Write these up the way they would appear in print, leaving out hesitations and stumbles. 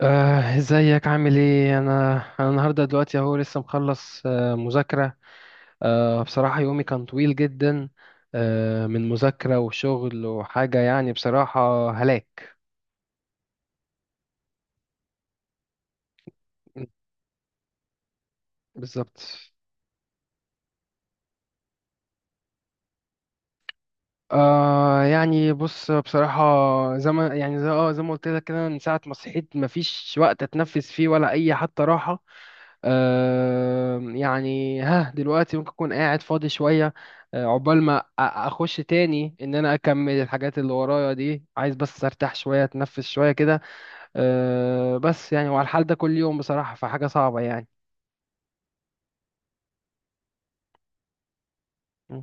ازيك عامل ايه؟ انا النهارده دلوقتي اهو لسه مخلص مذاكره. بصراحه يومي كان طويل جدا، من مذاكره وشغل وحاجه، يعني بصراحه هلاك. بالظبط. يعني بص، بصراحة زي ما يعني زي زي ما قلت لك كده، من ساعة ما صحيت مفيش وقت اتنفس فيه ولا أي حتى راحة. يعني ها دلوقتي ممكن اكون قاعد فاضي شويه، عقبال ما اخش تاني ان انا اكمل الحاجات اللي ورايا دي. عايز بس ارتاح شويه، اتنفس شويه كده. بس يعني وعلى الحال ده كل يوم، بصراحه فحاجه صعبه يعني. م،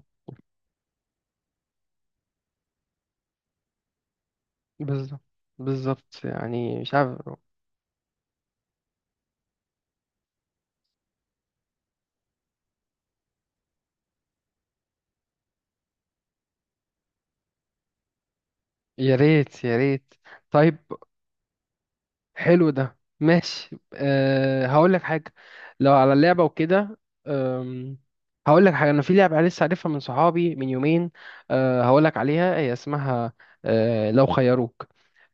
بالظبط. بالظبط يعني مش عارف. يا ريت يا ريت. طيب، حلو ده، ماشي، هقول لك حاجة. لو على اللعبة وكده، أم، هقول لك حاجة، أنا في لعبة لسه عارفها من صحابي من يومين. هقول لك عليها، هي اسمها لو خيروك.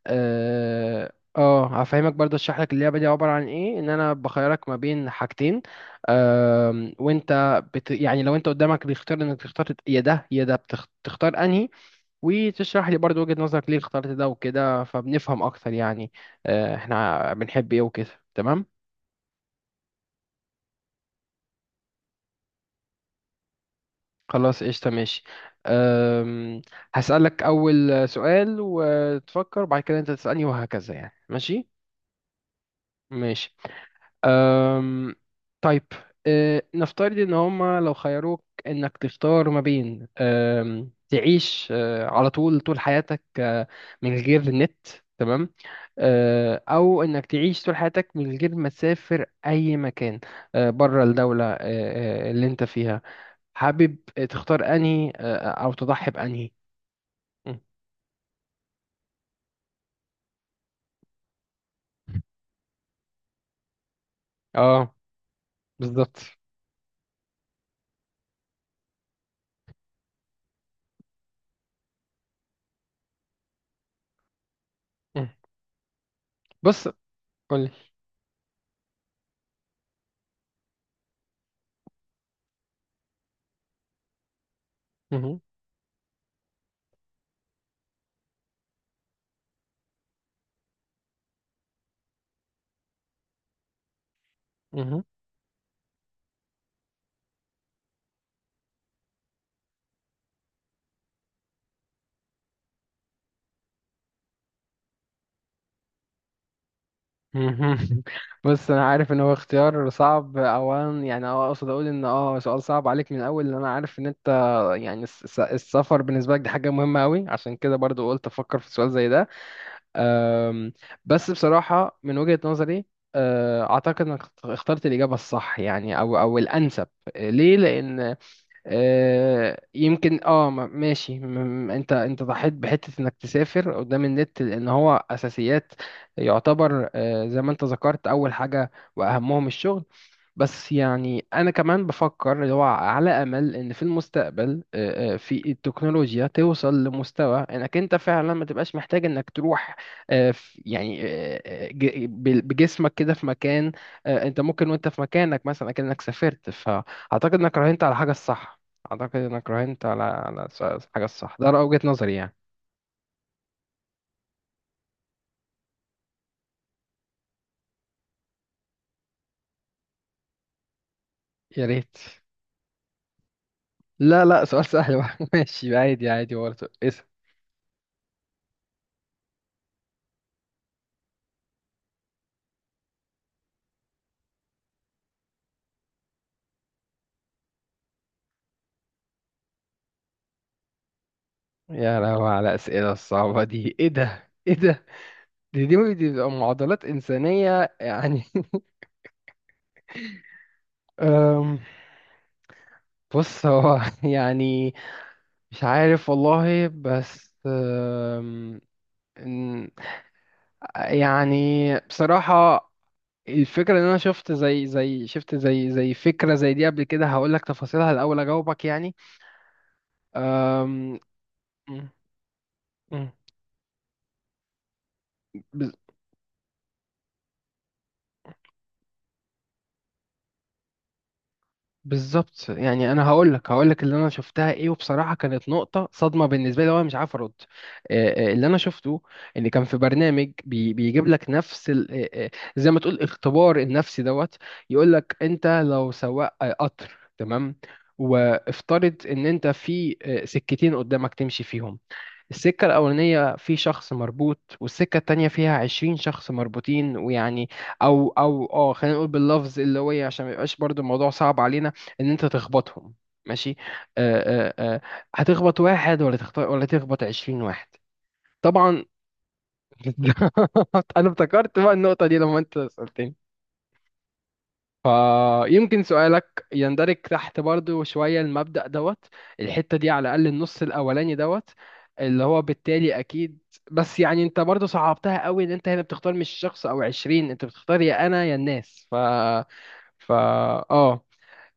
اه. هفهمك برضه، اشرح لك اللعبة دي عبارة عن ايه. ان انا بخيرك ما بين حاجتين، وانت يعني لو انت قدامك بيختار انك تختار يا ده يا ده، بتختار انهي، وتشرح لي برضو وجهة نظرك ليه اخترت ده وكده، فبنفهم اكتر يعني، احنا بنحب ايه وكده. تمام، خلاص قشطة ماشي. أم، هسألك أول سؤال وتفكر، وبعد كده أنت تسألني وهكذا، يعني ماشي. ماشي. أم... طيب، نفترض ان هما لو خيروك انك تختار ما بين، تعيش على طول طول حياتك من غير نت، تمام، او انك تعيش طول حياتك من غير ما تسافر اي مكان بره الدولة أه... أه، اللي انت فيها. حابب تختار انهي أه... آه، او تضحي بانهي؟ م. اه، بالظبط. م. بص، قولي. مهم. مهم. بص انا عارف ان هو اختيار صعب اولا، يعني اقصد اقول ان سؤال صعب عليك من الاول، لان انا عارف ان انت يعني السفر بالنسبه لك دي حاجه مهمه قوي، عشان كده برضو قلت افكر في سؤال زي ده. أم، بس بصراحه من وجهه نظري اعتقد انك اخترت الاجابه الصح يعني، او الانسب. ليه؟ لان يمكن ماشي، انت ضحيت بحته انك تسافر قدام النت، لان هو اساسيات. يعتبر زي ما انت ذكرت اول حاجه، واهمهم الشغل. بس يعني انا كمان بفكر اللي هو على امل ان في المستقبل في التكنولوجيا توصل لمستوى انك انت فعلا ما تبقاش محتاج انك تروح يعني بجسمك كده في مكان، انت ممكن وانت في مكانك مثلا كأنك سافرت. فاعتقد انك راهنت على حاجه الصح. أعتقد إنك راهنت على على الحاجة الصح. ده رأي وجهة نظري يعني. يا ريت. لا لا، سؤال سهل بقى. ماشي عادي عادي، برضه اسأل. يا لهوي على الأسئلة الصعبة دي، إيه ده إيه ده؟ دي بتبقى معضلات إنسانية يعني. أم، بص هو يعني مش عارف والله، بس إن- يعني بصراحة الفكرة ان انا شفت زي زي شفت زي زي فكرة زي دي قبل كده. هقول لك تفاصيلها الاول اجاوبك يعني. أم... م- م- بز- بالظبط، يعني انا هقول لك اللي انا شفتها ايه، وبصراحه كانت نقطه صدمه بالنسبه لي وانا مش عارف ارد. اللي انا شفته ان كان في برنامج بيجيب لك نفس زي ما تقول اختبار النفسي دوت. يقول لك انت لو سواق قطر، تمام، وافترض ان انت في سكتين قدامك تمشي فيهم. السكة الأولانية في شخص مربوط، والسكة التانية فيها 20 شخص مربوطين، ويعني أو خلينا نقول باللفظ اللي هو إيه، عشان ما يبقاش برضو الموضوع صعب علينا، إن أنت تخبطهم. ماشي؟ آه آه آه هتخبط واحد ولا تخطئ، ولا تخبط 20 واحد؟ طبعا. أنا افتكرت بقى النقطة دي لما أنت سألتني، فيمكن سؤالك يندرج تحت برضو شوية المبدأ دوت، الحتة دي على الأقل، النص الأولاني دوت، اللي هو بالتالي أكيد. بس يعني أنت برضو صعبتها قوي، إن أنت هنا بتختار مش شخص أو عشرين، أنت بتختار يا أنا يا الناس. ف ف آه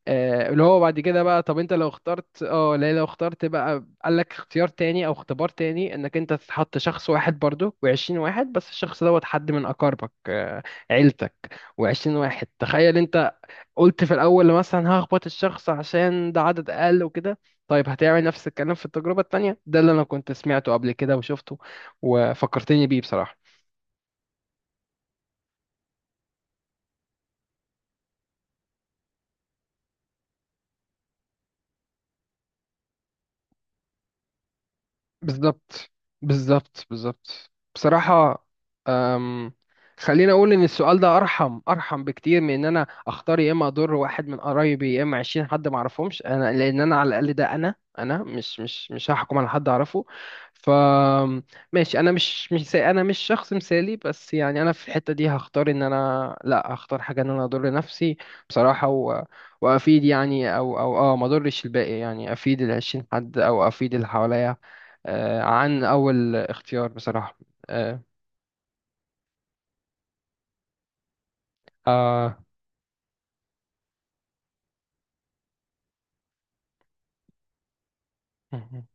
آه، اللي هو بعد كده بقى، طب انت لو اخترت اه لا لو اخترت بقى، قال لك اختيار تاني او اختبار تاني، انك انت تحط شخص واحد برضو و20 واحد، بس الشخص دوت حد من اقاربك، عيلتك، و20 واحد. تخيل انت قلت في الأول مثلا هخبط الشخص عشان ده عدد أقل وكده، طيب هتعمل نفس الكلام في التجربة التانية؟ ده اللي أنا كنت سمعته قبل كده وشفته وفكرتني بيه بصراحة. بالظبط. بالظبط بصراحة. أم، خليني أقول إن السؤال ده أرحم أرحم بكتير من إن أنا أختار يا إما أضر واحد من قرايبي، يا إما 20 حد معرفهمش أنا. لأن أنا على الأقل ده أنا، أنا مش هحكم على حد أعرفه. ف ماشي، أنا مش شخص مثالي، بس يعني أنا في الحتة دي هختار إن أنا لأ، هختار حاجة إن أنا أضر نفسي بصراحة وأفيد يعني، أو ما أضرش الباقي يعني، أفيد ال20 حد أو أفيد اللي حواليا عن أول اختيار بصراحة. آه، آه، مهم،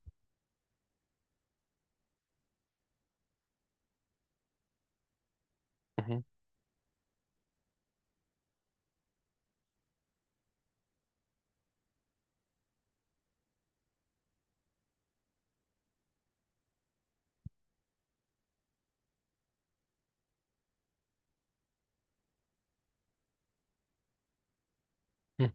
مهم، مهم،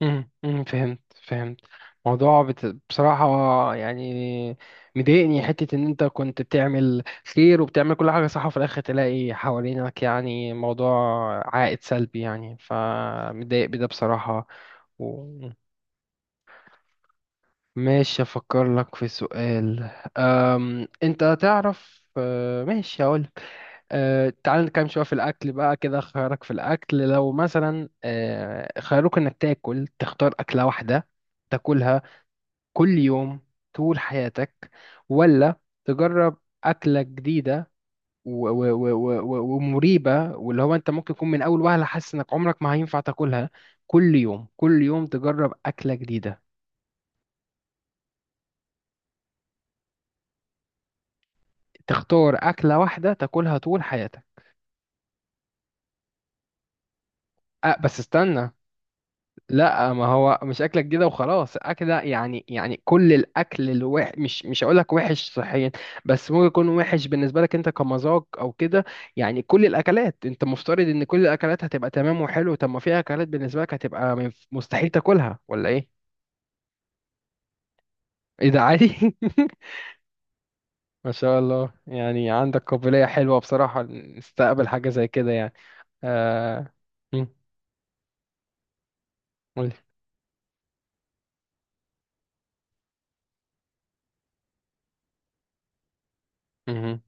مهم، فهمت فهمت. موضوع بصراحة يعني مضايقني حتة إن أنت كنت بتعمل خير وبتعمل كل حاجة صح، وفي الآخر تلاقي حوالينك يعني موضوع عائد سلبي يعني، فمضايق بده بصراحة. و... ماشي، أفكر لك في سؤال. أنت تعرف ماشي، هقول. تعال نتكلم شوية في الأكل بقى كده. خيارك في الأكل لو مثلا خيروك إنك تاكل، تختار أكلة واحدة تاكلها كل يوم طول حياتك، ولا تجرب أكلة جديدة ومريبة، واللي هو أنت ممكن تكون من أول وهلة حاسس إنك عمرك ما هينفع تاكلها؟ كل يوم، كل يوم تجرب أكلة جديدة؟ تختار أكلة واحدة تاكلها طول حياتك؟ بس استنى، لا ما هو مش اكلك كده وخلاص اكل، يعني يعني كل الاكل الوح، مش هقول لك وحش صحيا، بس ممكن يكون وحش بالنسبه لك انت كمذاق او كده. يعني كل الاكلات انت مفترض ان كل الاكلات هتبقى تمام وحلو. طب ما في اكلات بالنسبه لك هتبقى مستحيل تاكلها ولا ايه؟ ايه ده عادي؟ ما شاء الله، يعني عندك قابليه حلوه بصراحه نستقبل حاجه زي كده يعني. آه... مم، قولي. مهم.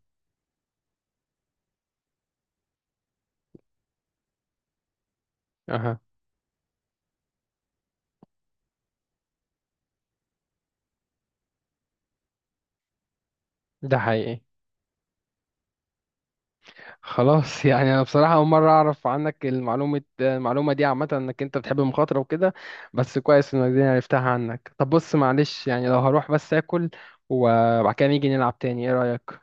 اها. ده حقيقي. خلاص. يعني انا بصراحه اول مره اعرف عنك المعلومه دي، عامه انك انت بتحب المخاطره وكده، بس كويس انك دي عرفتها عنك. طب بص، معلش يعني، لو هروح بس اكل وبعد كده نيجي نلعب تاني، ايه رايك؟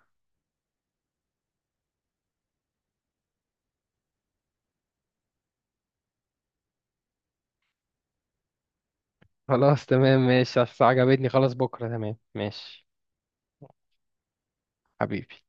خلاص تمام ماشي. أصل عجبتني، خلاص بكره، تمام ماشي. حبيبي.